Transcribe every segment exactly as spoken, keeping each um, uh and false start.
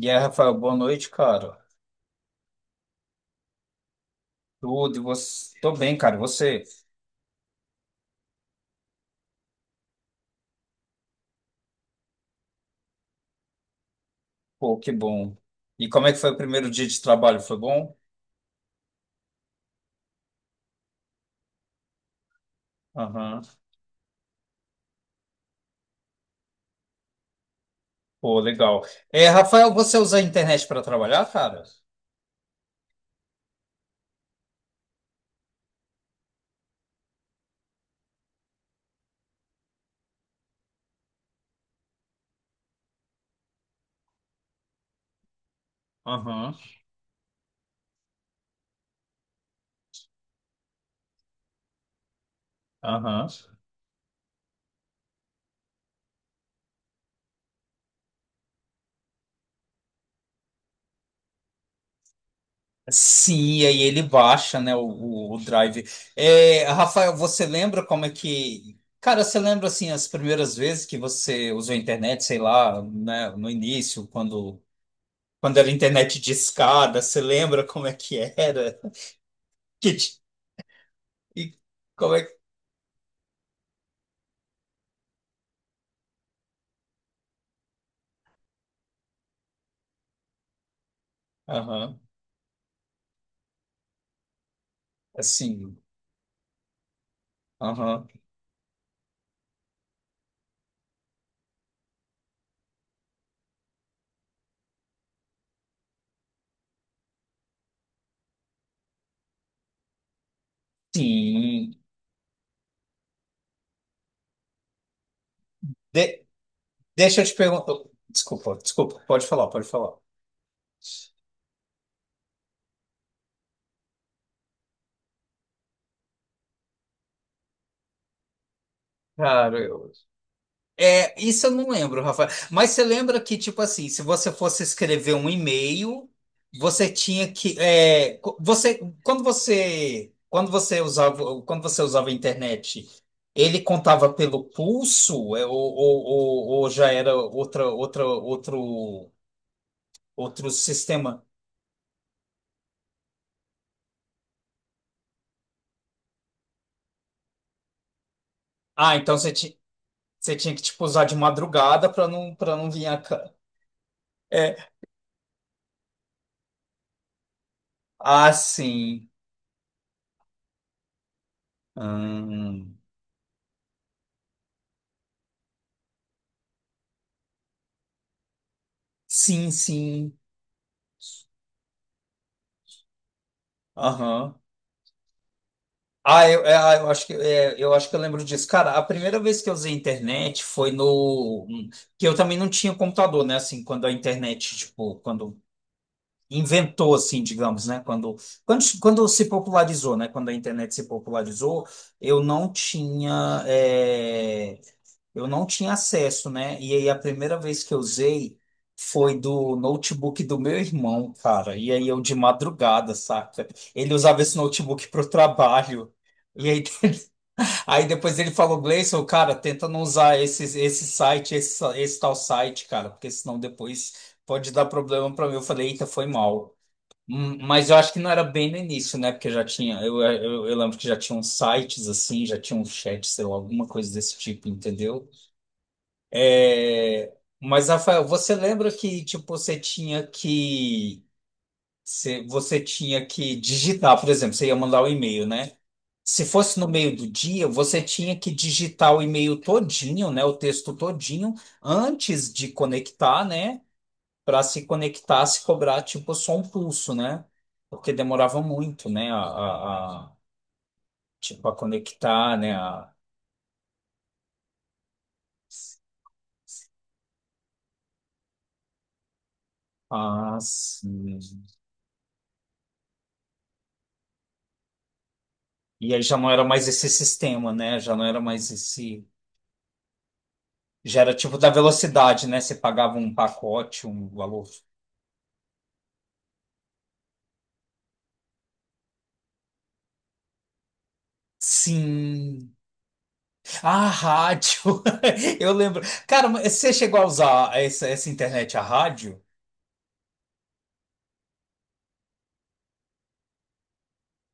E aí, Rafael, boa noite, cara. Tudo, e você? Tô bem, cara. E Você? Pô, que bom. E como é que foi o primeiro dia de trabalho? Foi bom? Aham. Pô, legal. É, Rafael, você usa a internet para trabalhar, cara? Aham, aham. Sim, e aí ele baixa, né, o, o, o drive. É, Rafael, você lembra como é que. Cara, você lembra, assim, as primeiras vezes que você usou a internet, sei lá, né, no início, quando, quando, era internet discada, você lembra como é que era? Que. E como é que. Aham. Assim. Aham. Sim. De- Deixa eu te perguntar. Desculpa, desculpa. Pode falar, pode falar. Cara, eu. É, isso eu não lembro, Rafael. Mas você lembra que, tipo assim, se você fosse escrever um e-mail, você tinha que. É, co- você, quando você. Quando você usava, quando você usava a internet, ele contava pelo pulso, é, ou, ou, ou, ou já era outra, outra, outro, outro. Ah, então você, ti- você tinha que tipo usar de madrugada para não para não vir a ca-. É. Ah, sim. Hum. Sim, sim. Aham. Ah, eu, é, ah, eu acho que é, eu acho que eu lembro disso. Cara, a primeira vez que eu usei internet foi no que eu também não tinha computador, né? Assim, quando a internet, tipo, quando inventou assim, digamos, né? Quando quando, quando se popularizou, né? Quando a internet se popularizou, eu não tinha. É, eu não tinha acesso, né? E aí a primeira vez que eu usei foi do notebook do meu irmão, cara. E aí eu de madrugada, saca? Ele usava esse notebook pro trabalho. E aí, aí depois ele falou, Gleison, cara, tenta não usar esse, esse site, esse, esse tal site, cara, porque senão depois pode dar problema pra mim. Eu falei, eita, foi mal. Hum, Mas eu acho que não era bem no início, né? Porque já tinha, eu, eu, eu lembro que já tinham sites assim, já tinha um chat, sei lá, alguma coisa desse tipo, entendeu? É, mas, Rafael, você lembra que, tipo, você tinha que... Você, você tinha que digitar, por exemplo, você ia mandar um e-mail, né? Se fosse no meio do dia, você tinha que digitar o e-mail todinho, né? O texto todinho, antes de conectar, né? Para se conectar, se cobrar, tipo, só um pulso, né? Porque demorava muito, né? A, a- a- tipo, a conectar, né? A, as- E aí já não era mais esse sistema, né? Já não era mais esse. Já era tipo da velocidade, né? Você pagava um pacote, um valor. Sim. A rádio. Eu lembro. Cara, mas você chegou a usar essa, essa internet a rádio?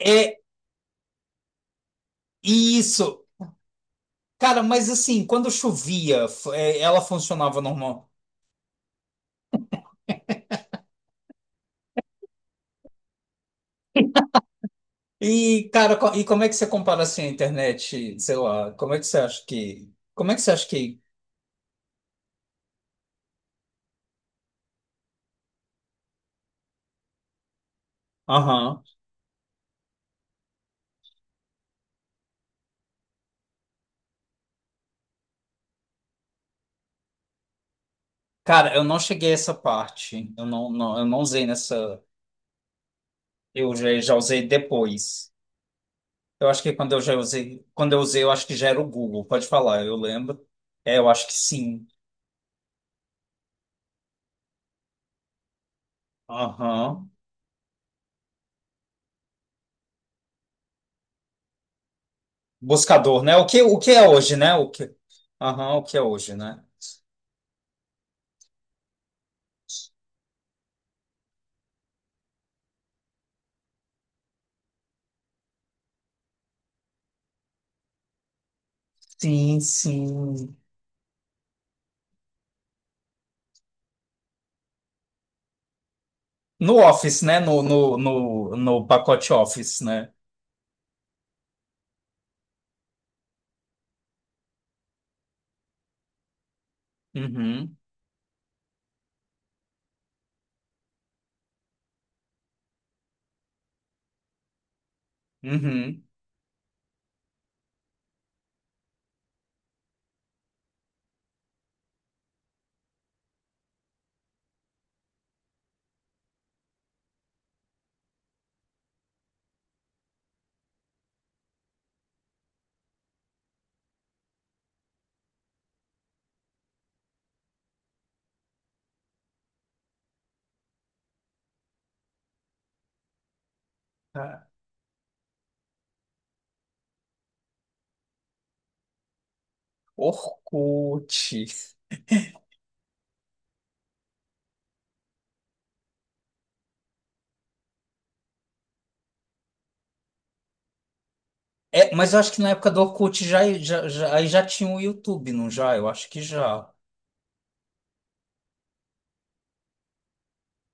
É isso. Cara, mas assim, quando chovia, f- é, ela funcionava normal. E, cara, co- e como é que você compara assim a internet? Sei lá, como é que você acha que. Como é que você acha que. Aham. Cara, eu não cheguei a essa parte. Eu não, não, eu não usei nessa. Eu já, já usei depois. Eu acho que quando eu já usei, quando eu usei, eu acho que já era o Google. Pode falar, eu lembro. É, eu acho que sim. Aham. Buscador, né? O que, o que é hoje, né? O que, aham, o que é hoje, né? Sim, sim. No Office, né? No, no, no, no pacote Office, né? Uhum, uhum. Ah, Orkut. É, mas eu acho que na época do Orkut já, já, já, aí já tinha o YouTube, não já? Eu acho que já.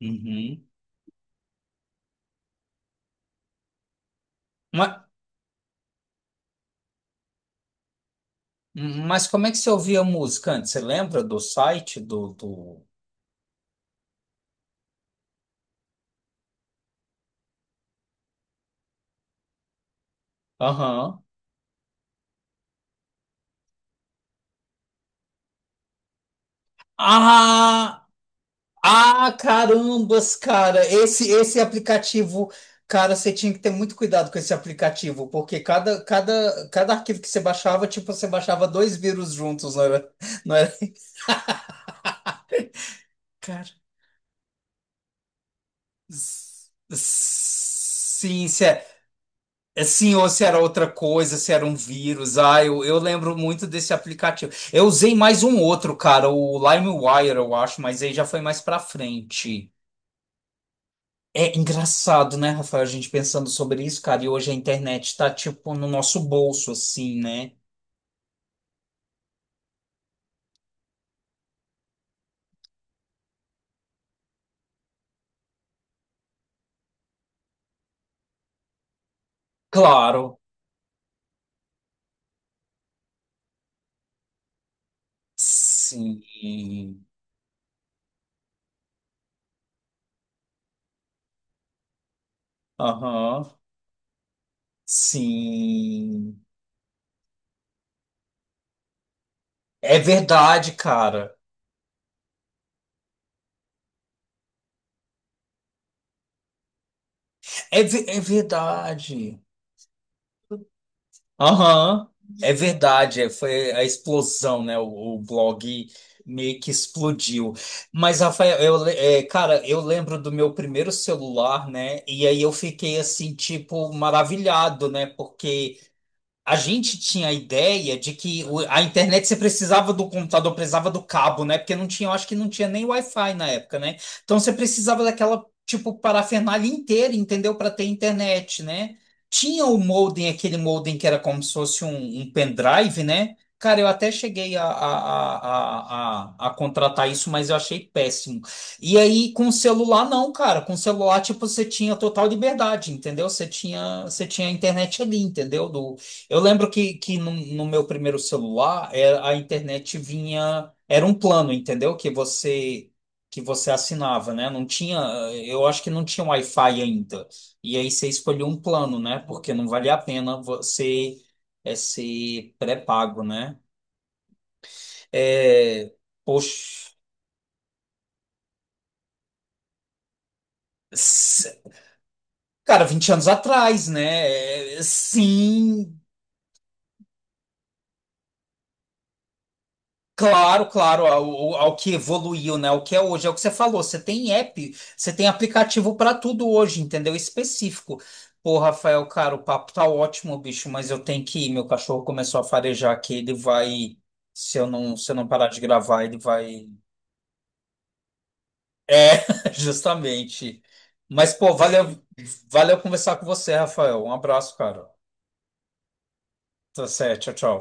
Uhum. Mas, mas como é que você ouvia música antes? Você lembra do site do, do... Aham. Ah, ah, carambas, cara. Esse esse aplicativo, cara, você tinha que ter muito cuidado com esse aplicativo, porque cada cada cada arquivo que você baixava, tipo, você baixava dois vírus juntos, não era? Não era? Cara, s- s- sim. Assim, ou se era outra coisa, se era um vírus. Ah, eu, eu lembro muito desse aplicativo. Eu usei mais um outro, cara, o LimeWire, eu acho, mas aí já foi mais pra frente. É engraçado, né, Rafael, a gente pensando sobre isso, cara, e hoje a internet tá, tipo, no nosso bolso, assim, né? Claro. Sim. Aham. Sim. É verdade, cara. É, ve- é verdade. Aham, é verdade, é, foi a explosão, né? O, o blog meio que explodiu. Mas, Rafael, eu, le- é, cara, eu lembro do meu primeiro celular, né? E aí eu fiquei assim, tipo, maravilhado, né? Porque a gente tinha a ideia de que o- a internet você precisava do computador, precisava do cabo, né? Porque não tinha, eu acho que não tinha nem Wi-Fi na época, né? Então você precisava daquela, tipo, parafernália inteira, entendeu? Para ter internet, né? Tinha o modem, aquele modem que era como se fosse um, um pendrive, né? Cara, eu até cheguei a, a, a, a, a a contratar isso, mas eu achei péssimo. E aí, com o celular, não, cara. Com o celular, tipo, você tinha total liberdade, entendeu? Você tinha, você tinha a internet ali, entendeu? Do, eu lembro que, que no, no meu primeiro celular é, a internet vinha, era um plano, entendeu? Que você que você assinava, né? Não tinha, eu acho que não tinha Wi-Fi ainda. E aí você escolheu um plano, né? Porque não valia a pena você é, ser pré-pago, né? É, poxa, s- cara, vinte anos atrás, né? É, sim. Claro, claro, ao, ao que evoluiu, né? O que é hoje, é o que você falou. Você tem app, você tem aplicativo para tudo hoje, entendeu? Específico. Pô, Rafael, cara, o papo tá ótimo, bicho, mas eu tenho que ir. Meu cachorro começou a farejar aqui, ele vai. Se eu não, se eu não parar de gravar, ele vai. É, justamente. Mas, pô, valeu, valeu conversar com você, Rafael. Um abraço, cara. Tá certo, tchau, tchau.